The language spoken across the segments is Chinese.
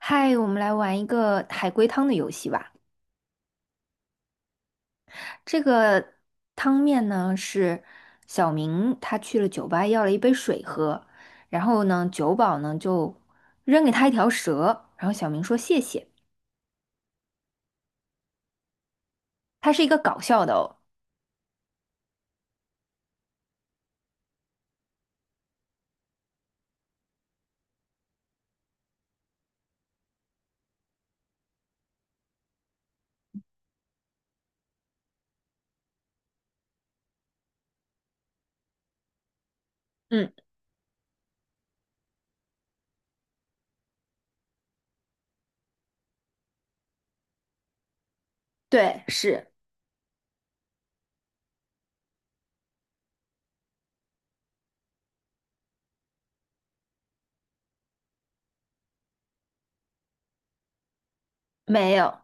嗨，我们来玩一个海龟汤的游戏吧。这个汤面呢是小明他去了酒吧要了一杯水喝，然后呢酒保呢就扔给他一条蛇，然后小明说谢谢。它是一个搞笑的哦。嗯，对，是没有。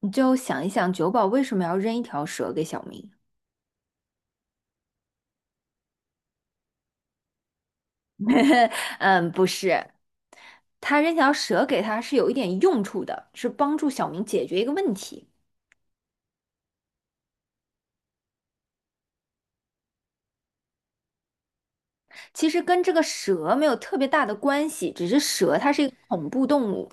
你就想一想，酒保为什么要扔一条蛇给小明？嗯，不是，他扔条蛇给他是有一点用处的，是帮助小明解决一个问题。其实跟这个蛇没有特别大的关系，只是蛇它是一个恐怖动物。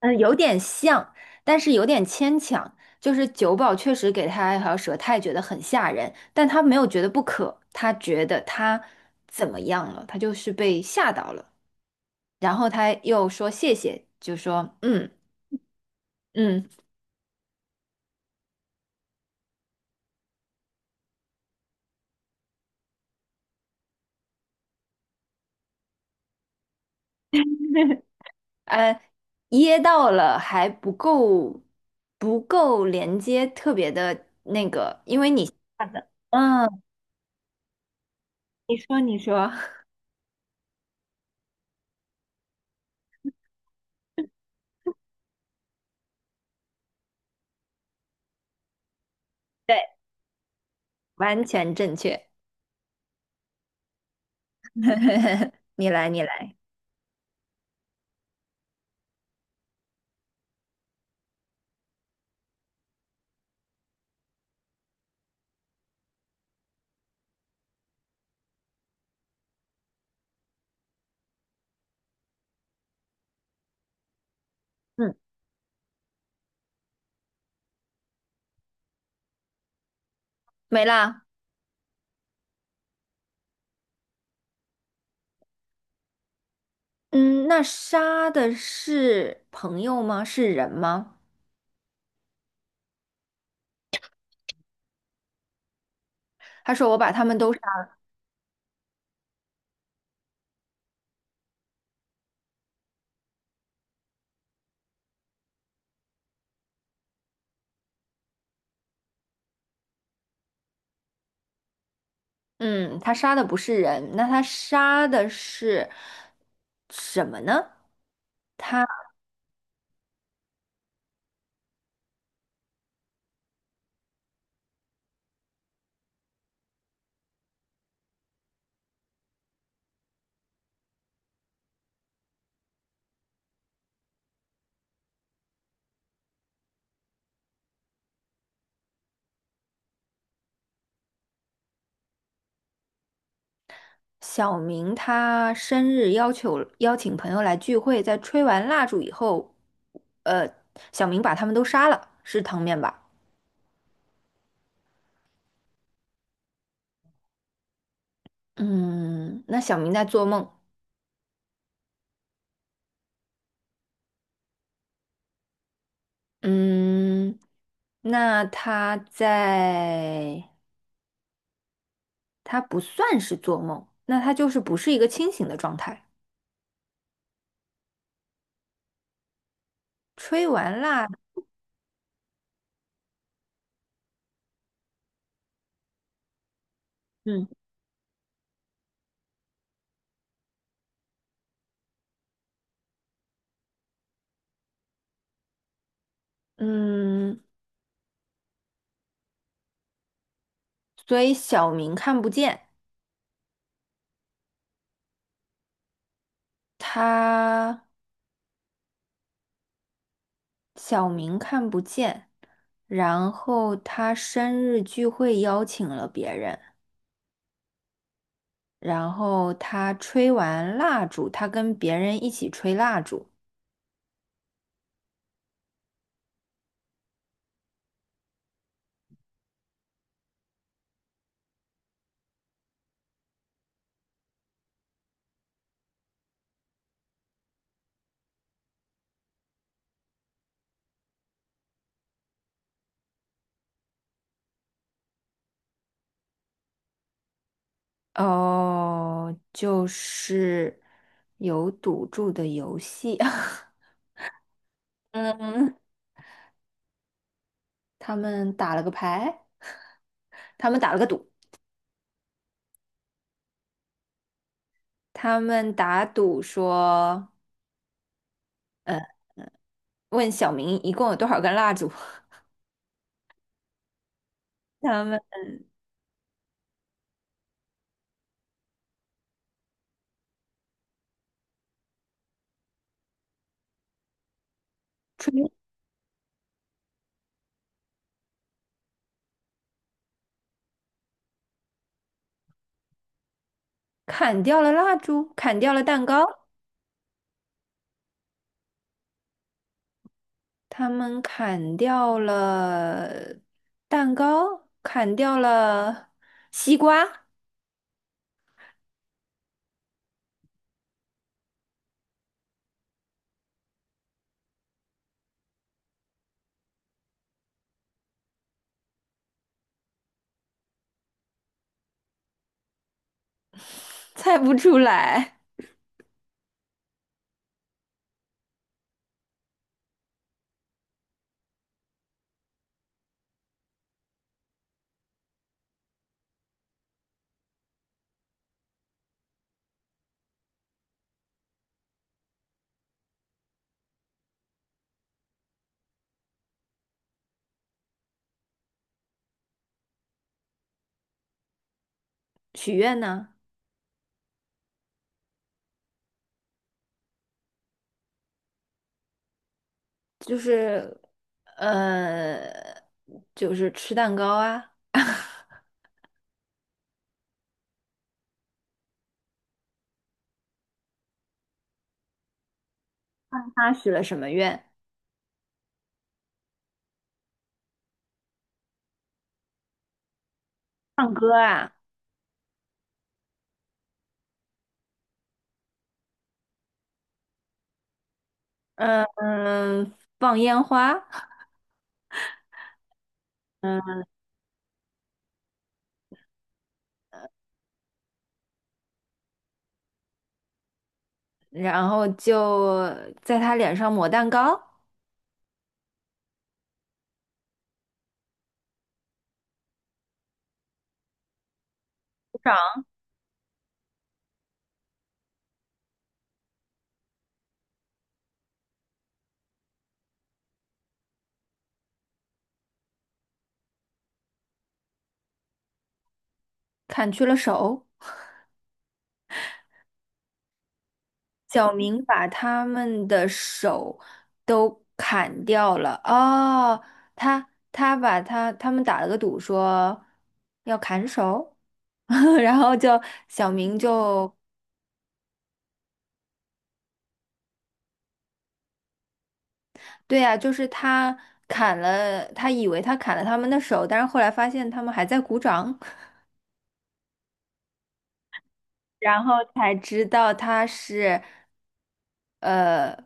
嗯，有点像，但是有点牵强。就是九宝确实给他一条蛇，他也觉得很吓人，但他没有觉得不可，他觉得他怎么样了？他就是被吓到了，然后他又说谢谢，就说嗯嗯，呃，噎到了还不够，不够连接，特别的，好的嗯，你说你说。对，完全正确。你来，你来，嗯，没啦。嗯，那杀的是朋友吗？是人吗？他说我把他们都杀。嗯，他杀的不是人，那他杀的是什么呢？他小明他生日要求邀请朋友来聚会，在吹完蜡烛以后，呃，小明把他们都杀了，是汤面吧？嗯，那小明在做梦。嗯，那他在。他不算是做梦，那他就是不是一个清醒的状态。吹完蜡，嗯嗯，所以小明看不见，他小明看不见，然后他生日聚会邀请了别人，然后他吹完蜡烛，他跟别人一起吹蜡烛。哦，就是有赌注的游戏。嗯，他们打了个牌。他们打了个赌，他们打赌说，呃，问小明一共有多少根蜡烛。他们吹砍掉了蜡烛，砍掉了蛋糕，他们砍掉了蛋糕，砍掉了西瓜。猜不出来。许愿呢，就是呃，就是吃蛋糕啊，他许了什么愿？唱歌啊，嗯，放烟花。然后就在他脸上抹蛋糕，鼓掌，砍去了手。小明把他们的手都砍掉了。哦，他他把他他们打了个赌，说要砍手。然后就小明就对呀、就是他砍了，他以为他砍了他们的手，但是后来发现他们还在鼓掌。然后才知道他是，呃，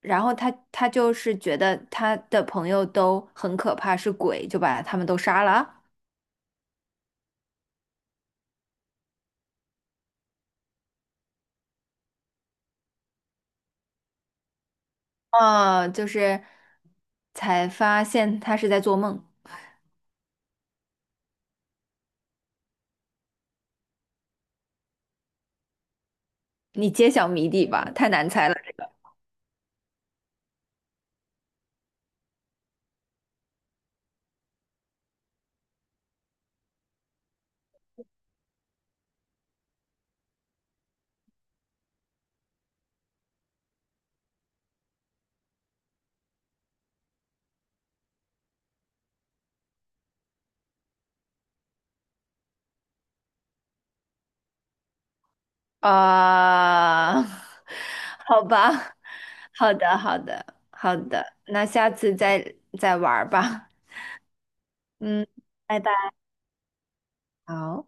然后他他就是觉得他的朋友都很可怕，是鬼，就把他们都杀了。哦，就是才发现他是在做梦。你揭晓谜底吧，太难猜了。啊、好吧，好的，好的，好的，那下次再再玩儿吧。嗯，拜拜。好。